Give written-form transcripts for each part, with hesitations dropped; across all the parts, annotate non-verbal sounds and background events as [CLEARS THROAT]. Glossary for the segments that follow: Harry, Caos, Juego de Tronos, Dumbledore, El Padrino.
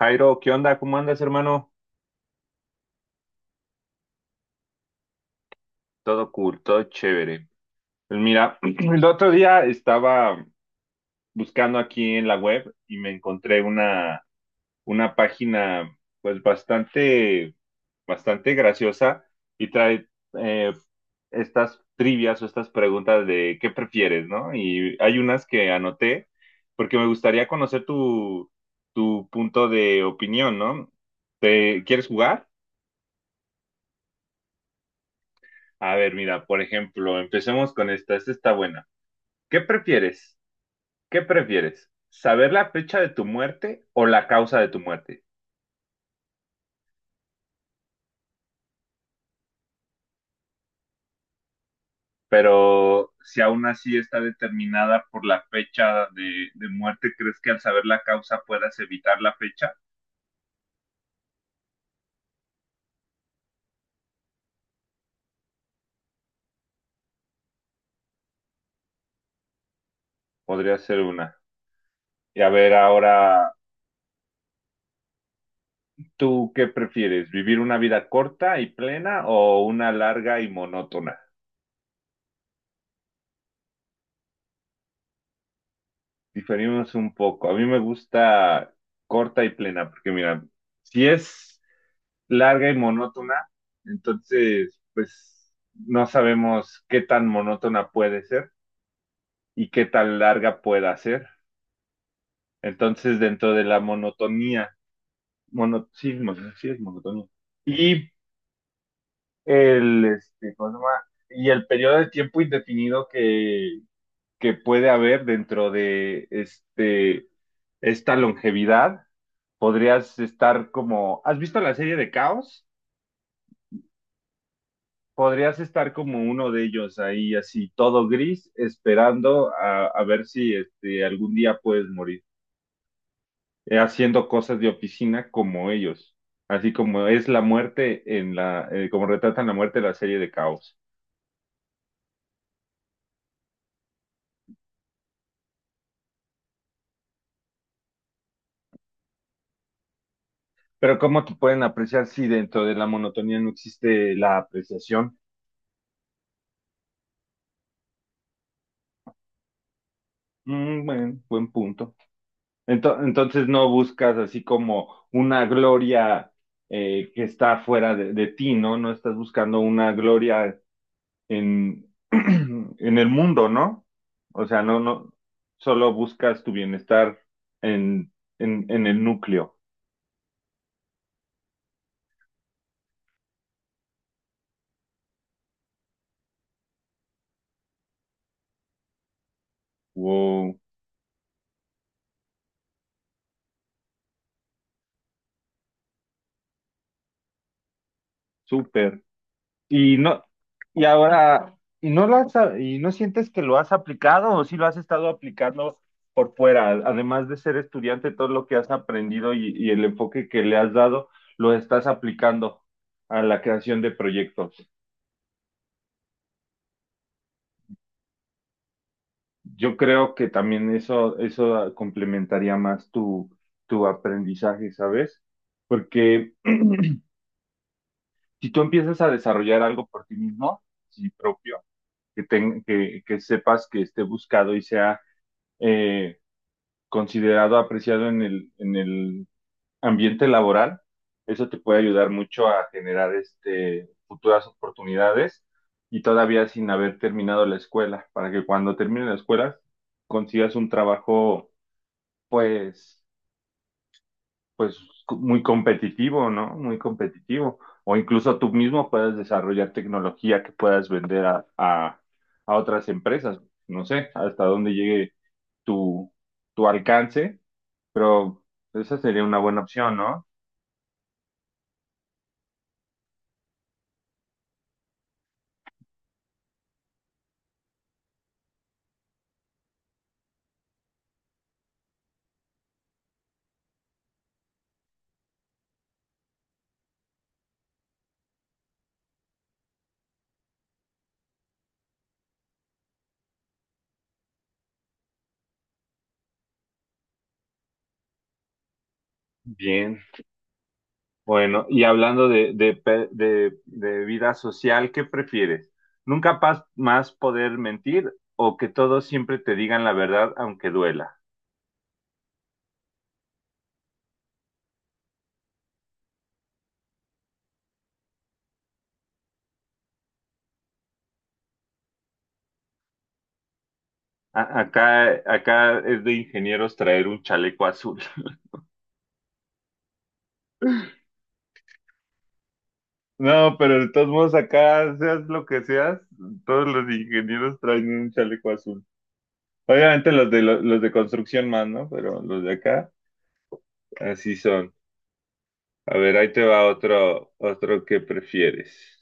Jairo, ¿qué onda? ¿Cómo andas, hermano? Todo cool, todo chévere. Pues mira, [CLEARS THROAT] el otro día estaba buscando aquí en la web y me encontré una página pues bastante graciosa y trae eh, estas trivias o estas preguntas de qué prefieres, ¿no? Y hay unas que anoté porque me gustaría conocer tu punto de opinión, ¿no? ¿Te quieres jugar? A ver, mira, por ejemplo, empecemos con esta. Esta está buena. ¿Qué prefieres? ¿Qué prefieres? ¿Saber la fecha de tu muerte o la causa de tu muerte? Pero si aún así está determinada por la fecha de muerte, ¿crees que al saber la causa puedas evitar la fecha? Podría ser una. Y a ver, ahora, ¿tú qué prefieres? ¿Vivir una vida corta y plena o una larga y monótona? Diferimos un poco. A mí me gusta corta y plena, porque mira, si es larga y monótona, entonces pues no sabemos qué tan monótona puede ser y qué tan larga pueda ser. Entonces dentro de la monotonía, mono, sí, sí es monotonía. Y ¿cómo se llama? Y el periodo de tiempo indefinido que puede haber dentro de esta longevidad, podrías estar como, ¿has visto la serie de Caos? Podrías estar como uno de ellos ahí, así todo gris, esperando a ver si este, algún día puedes morir, haciendo cosas de oficina como ellos, así como es la muerte en como retratan la muerte en la serie de Caos. Pero ¿cómo te pueden apreciar si dentro de la monotonía no existe la apreciación? Mm, bueno, buen punto. Entonces no buscas así como una gloria que está fuera de ti, ¿no? No estás buscando una gloria [CLEARS THROAT] en el mundo, ¿no? O sea, no, no, solo buscas tu bienestar en, en el núcleo. Wow, súper. Y no, y ahora, ¿y no y no sientes que lo has aplicado o si lo has estado aplicando por fuera? Además de ser estudiante, todo lo que has aprendido y el enfoque que le has dado, lo estás aplicando a la creación de proyectos. Yo creo que también eso complementaría más tu aprendizaje, ¿sabes? Porque [CLEARS THROAT] si tú empiezas a desarrollar algo por ti mismo, sí propio, que sepas que esté buscado y sea eh, considerado, apreciado en en el ambiente laboral, eso te puede ayudar mucho a generar este, futuras oportunidades y todavía sin haber terminado la escuela, para que cuando termine la escuela consigas un trabajo pues, pues muy competitivo, ¿no? Muy competitivo. O incluso tú mismo puedas desarrollar tecnología que puedas vender a otras empresas. No sé hasta dónde llegue tu, tu alcance, pero esa sería una buena opción, ¿no? Bien. Bueno, y hablando de vida social, ¿qué prefieres? ¿Nunca pas- más poder mentir o que todos siempre te digan la verdad aunque duela? Acá es de ingenieros traer un chaleco azul. [LAUGHS] No, pero de todos modos acá, seas lo que seas, todos los ingenieros traen un chaleco azul. Obviamente los los de construcción más, ¿no? Pero los de acá, así son. A ver, ahí te va otro, otro que prefieres.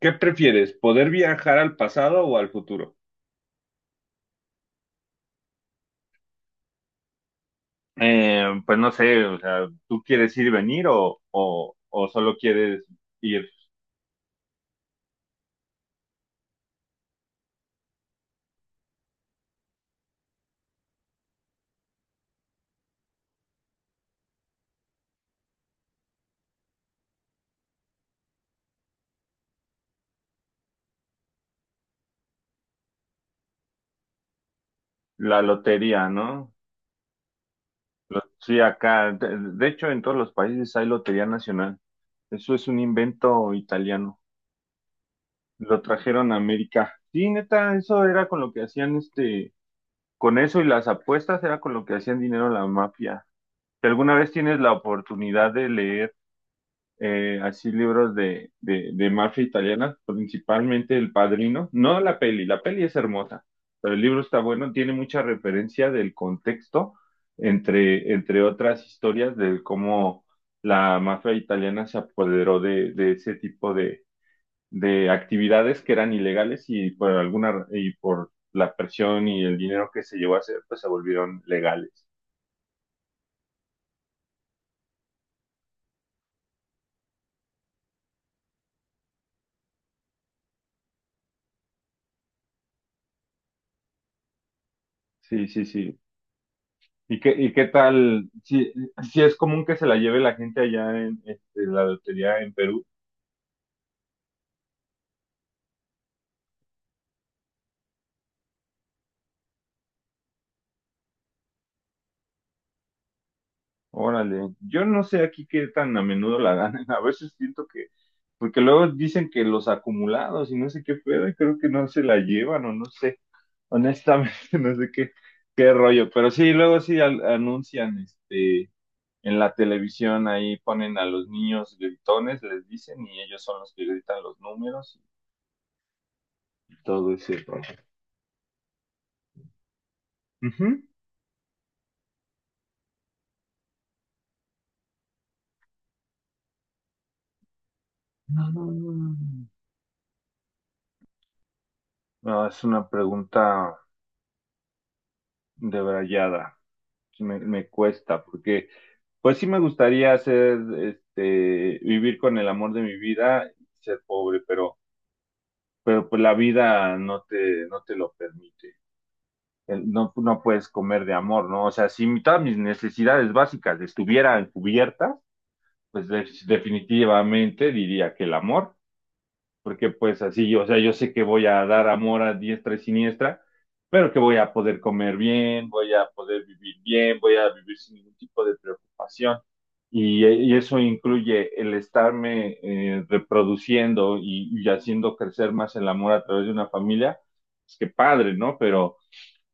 ¿Qué prefieres? ¿Poder viajar al pasado o al futuro? Pues no sé, o sea, ¿tú quieres ir y venir o solo quieres ir la lotería, ¿no? Lo- Sí, acá, de hecho en todos los países hay Lotería Nacional. Eso es un invento italiano. Lo trajeron a América. Sí, neta, eso era con lo que hacían este, con eso y las apuestas era con lo que hacían dinero la mafia. Si alguna vez tienes la oportunidad de leer así libros de mafia italiana, principalmente El Padrino, no la peli, la peli es hermosa, pero el libro está bueno, tiene mucha referencia del contexto, entre otras historias de cómo la mafia italiana se apoderó de ese tipo de actividades que eran ilegales y por alguna, y por la presión y el dinero que se llevó a hacer, pues se volvieron legales. Sí, sí, sí. ¿Y y qué tal? Si, si es común que se la lleve la gente allá en este, la lotería en Perú. Órale, yo no sé aquí qué tan a menudo la ganan. [LAUGHS] A veces porque luego dicen que los acumulados y no sé qué pedo, y creo que no se la llevan o no sé. Honestamente, [LAUGHS] no sé qué rollo. Pero sí, luego sí anuncian este, en la televisión, ahí ponen a los niños gritones, les dicen, y ellos son los que gritan los números y todo ese rollo. Mm. No, es una pregunta debrayada. Sí. Me cuesta, porque pues sí me gustaría hacer, este, vivir con el amor de mi vida y ser pobre, pero pues la vida no te lo permite. El- No, no puedes comer de amor, ¿no? O sea, si mi- todas mis necesidades básicas estuvieran cubiertas, pues definitivamente diría que el amor. Porque pues así yo, o sea, yo sé que voy a dar amor a diestra y siniestra, pero que voy a poder comer bien, voy a poder vivir bien, voy a vivir sin ningún tipo de preocupación. Y eso incluye el estarme reproduciendo y haciendo crecer más el amor a través de una familia. Es que padre, ¿no?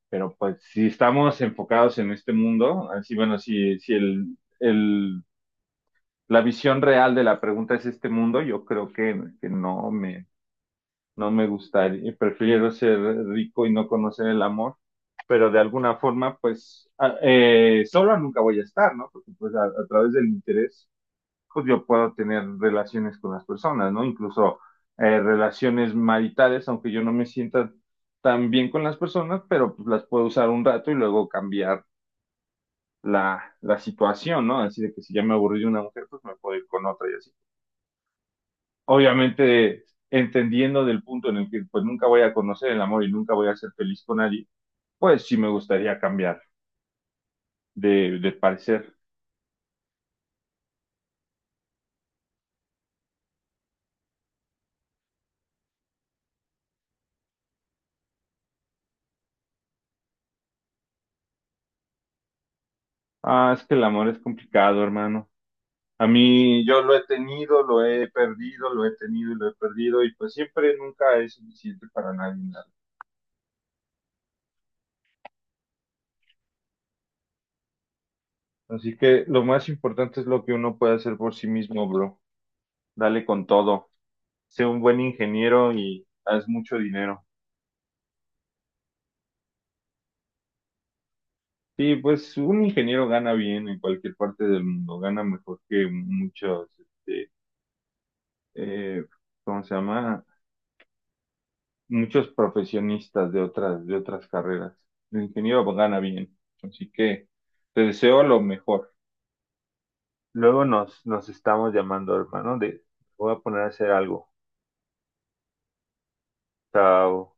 Pero pues si estamos enfocados en este mundo, así bueno, si, si el, el, la visión real de la pregunta es este mundo, yo creo que no me no me gustaría, prefiero ser rico y no conocer el amor, pero de alguna forma, pues, solo nunca voy a estar, ¿no? Porque pues a través del interés, pues yo puedo tener relaciones con las personas, ¿no? Incluso relaciones maritales, aunque yo no me sienta tan bien con las personas, pero pues las puedo usar un rato y luego cambiar la situación, ¿no? Así de que si ya me aburrí de una mujer, pues me puedo ir con otra y así obviamente entendiendo del punto en el que pues nunca voy a conocer el amor y nunca voy a ser feliz con nadie, pues sí me gustaría cambiar de parecer. Ah, es que el amor es complicado, hermano. A mí yo lo he tenido, lo he perdido, lo he tenido y lo he perdido y pues siempre nunca es suficiente para nadie. Nada. Así que lo más importante es lo que uno puede hacer por sí mismo, bro. Dale con todo. Sé un buen ingeniero y haz mucho dinero. Sí, pues un ingeniero gana bien en cualquier parte del mundo, gana mejor que muchos, este, eh, ¿cómo se llama? Muchos profesionistas de otras carreras. El ingeniero gana bien, así que te deseo lo mejor. Luego nos estamos llamando, hermano, de voy a poner a hacer algo. Chao.